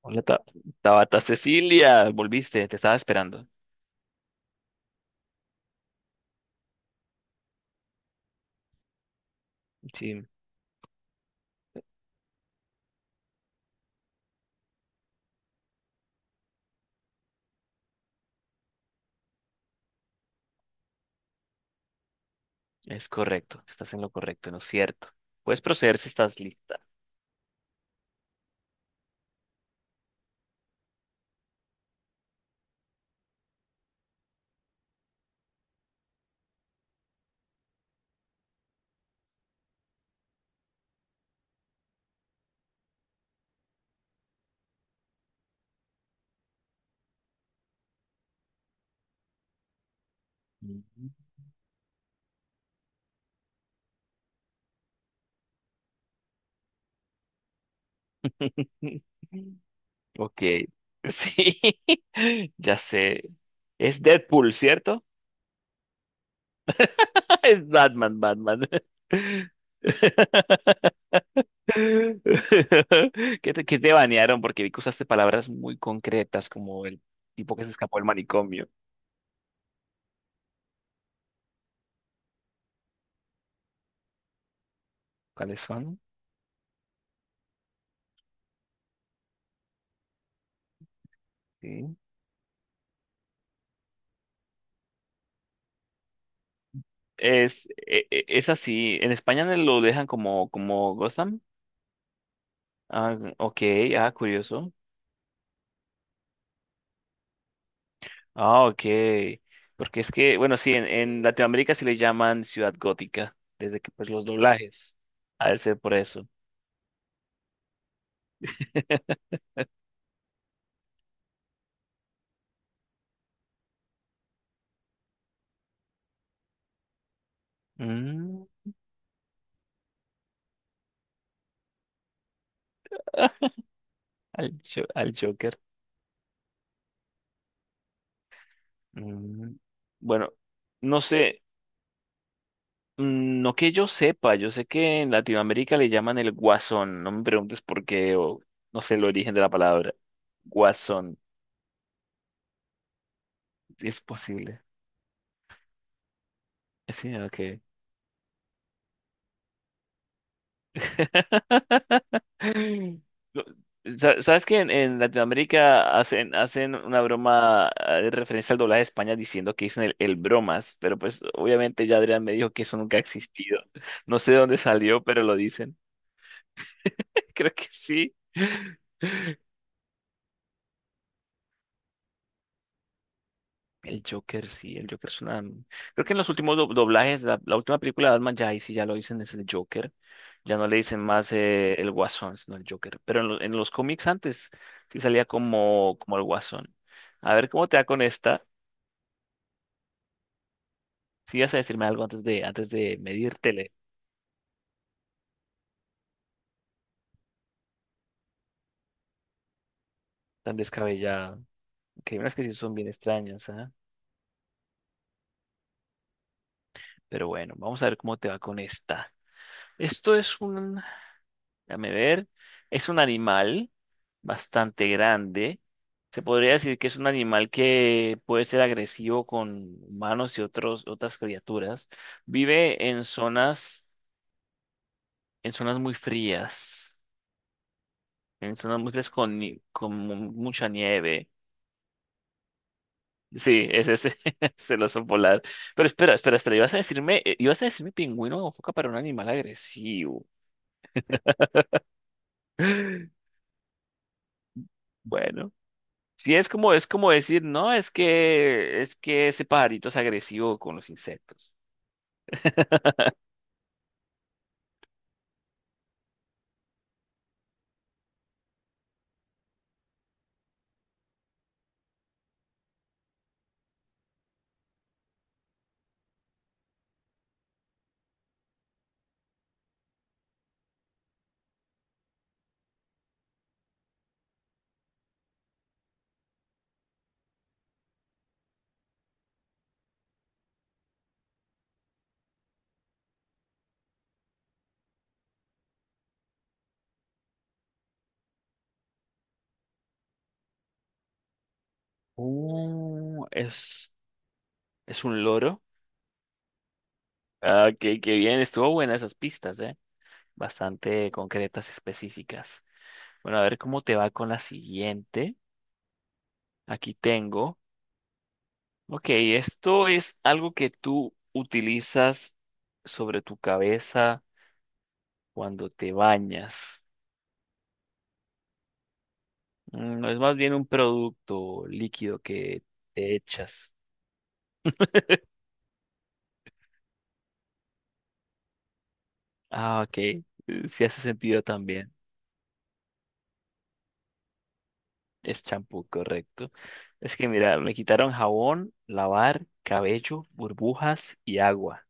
Hola, Tabata Cecilia, volviste, te estaba esperando. Sí, es correcto, estás en lo correcto, ¿no es cierto? Puedes proceder si estás lista. Ujú. Ok, sí, ya sé. Es Deadpool, ¿cierto? Es Batman, Batman. Qué te banearon? Porque vi que usaste palabras muy concretas como el tipo que se escapó del manicomio. ¿Cuáles son? Sí. Es así. En España no lo dejan como, como Gotham. Ah, ok, ah, curioso. Ah, ok. Porque es que, bueno, sí, en Latinoamérica sí le llaman Ciudad Gótica, desde que pues los doblajes. Ha de ser por eso. Mm, ah, al, al Joker. Mm, bueno, no sé, mm, no que yo sepa, yo sé que en Latinoamérica le llaman el guasón, no me preguntes por qué o no sé el origen de la palabra, guasón. Es posible. Sí, ok. No, ¿Sabes que en Latinoamérica hacen, hacen una broma de referencia al doblaje de España diciendo que dicen el bromas? Pero pues obviamente ya Adrián me dijo que eso nunca ha existido. No sé de dónde salió, pero lo dicen. Creo que sí. El Joker, sí, el Joker es una... Creo que en los últimos doblajes, la última película de Batman, ya ahí sí ya lo dicen, es el Joker. Ya no le dicen más el Guasón, sino el Joker. Pero en, en los cómics antes sí salía como, como el Guasón. A ver cómo te va con esta. Si vas a decirme algo antes de medírtele tan descabellada. Que hay unas que sí son bien extrañas, ¿ah? Pero bueno, vamos a ver cómo te va con esta. Esto es un, déjame ver. Es un animal bastante grande. Se podría decir que es un animal que puede ser agresivo con humanos y otros, otras criaturas. Vive en zonas muy frías, en zonas muy frías con, con mucha nieve. Sí, es ese, es el oso polar. Pero espera, espera, espera, ibas a decirme pingüino o foca para un animal agresivo. Bueno. Sí, es como decir, no, es que ese pajarito es agresivo con los insectos. Uh, es, es un loro. Ah, qué, qué bien, estuvo buena esas pistas, ¿eh? Bastante concretas, específicas. Bueno, a ver cómo te va con la siguiente. Aquí tengo. Ok, esto es algo que tú utilizas sobre tu cabeza cuando te bañas. Mm, es más bien un producto líquido que te echas. Ah, ok. Sí hace sentido también. Es champú, correcto. Es que mira, me quitaron jabón, lavar, cabello, burbujas y agua.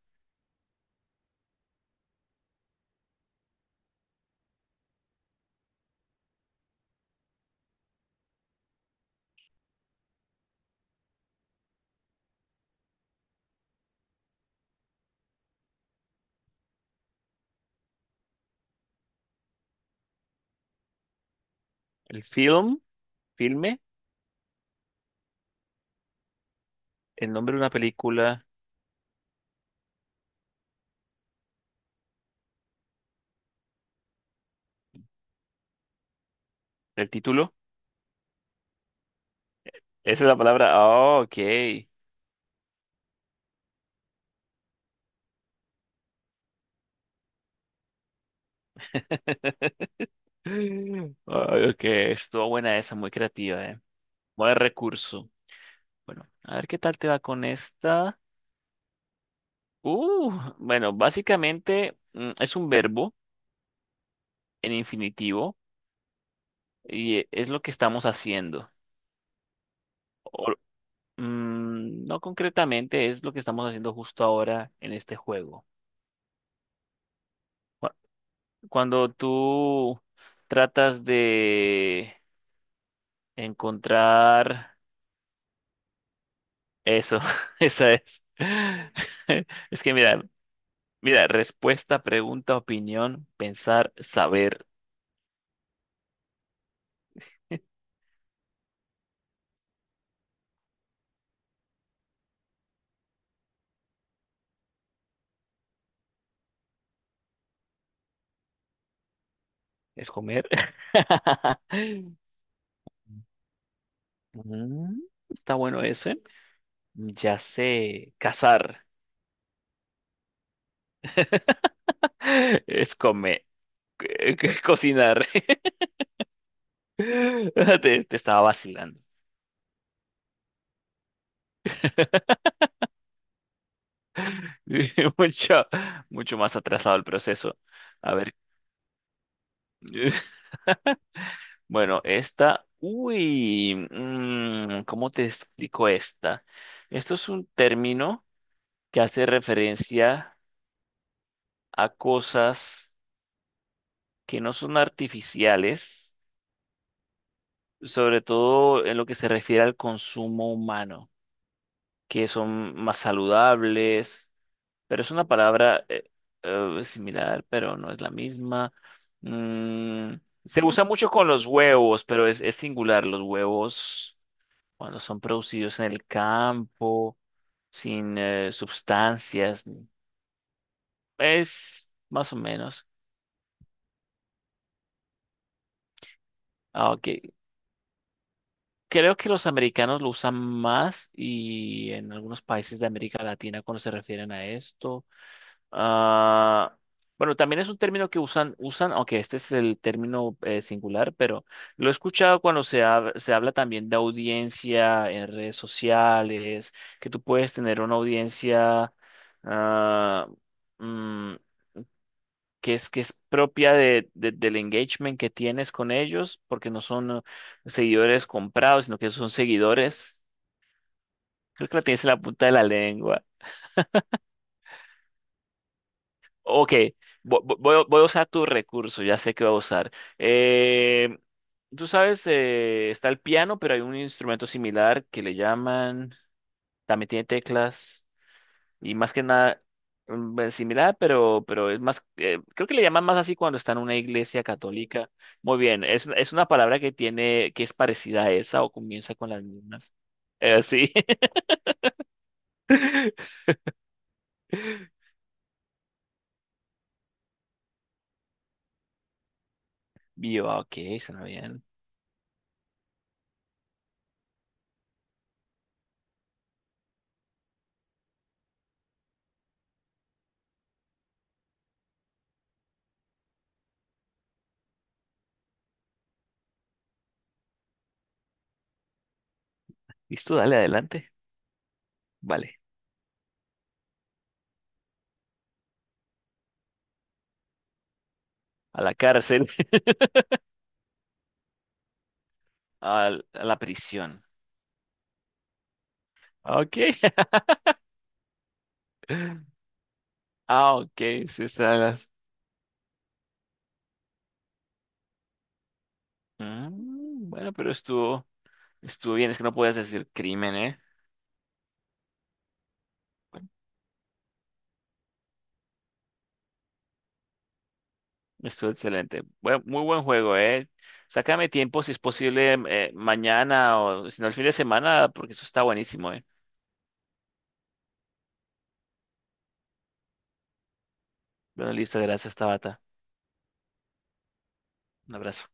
El film, filme, el nombre de una película, el título. Esa es la palabra. Ah, ok. Ay, ok, estuvo buena esa, muy creativa, eh. Buen recurso. Bueno, a ver qué tal te va con esta. Uh, bueno, básicamente mm, es un verbo en infinitivo y es lo que estamos haciendo. O- mm, no concretamente, es lo que estamos haciendo justo ahora en este juego. Cu- Cuando tú tratas de encontrar eso, esa es. Es que mira, mira, respuesta, pregunta, opinión, pensar, saber. ¿Es comer? Mm, está bueno ese. Ya sé, cazar. Es comer, cocinar. Te estaba vacilando. Mucho, mucho más atrasado el proceso. A ver, bueno, esta, uy, mm, ¿cómo te explico esta? Esto es un término que hace referencia a cosas que no son artificiales sobre todo en lo que se refiere al consumo humano, que son más saludables, pero es una palabra similar, pero no es la misma. Mm, se usa mucho con los huevos, pero es singular, los huevos cuando son producidos en el campo, sin sustancias, es más o menos. Ah, ok. Creo que los americanos lo usan más y en algunos países de América Latina cuando se refieren a esto. Ah, bueno, también es un término que usan, usan, aunque este es el término singular, pero lo he escuchado cuando se, se habla también de audiencia en redes sociales, que tú puedes tener una audiencia ah, mm, que es propia de, del engagement que tienes con ellos, porque no son seguidores comprados, sino que son seguidores. Creo que la tienes en la punta de la lengua. Ok, voy, a voy a usar tu recurso, ya sé que voy a usar. Eh, tú sabes, está el piano, pero hay un instrumento similar que le llaman, también tiene teclas y más que nada mm, es similar, pero es más, creo que le llaman más así cuando está en una iglesia católica. Muy bien, es una palabra que tiene, que es parecida a esa o comienza con las mismas. Sí. Bio, ah, ok, suena bien. Listo, dale adelante. Vale, a la cárcel. A la prisión. Ok. Ah, ok. Sí, está las... Mm, bueno, pero estuvo, estuvo bien. Es que no puedes decir crimen, ¿eh? Estuvo excelente. Muy buen juego, ¿eh? Sácame tiempo si es posible mm, mañana o si no el fin de semana, porque eso está buenísimo, ¿eh? Bueno, listo. Gracias, Tabata. Un abrazo.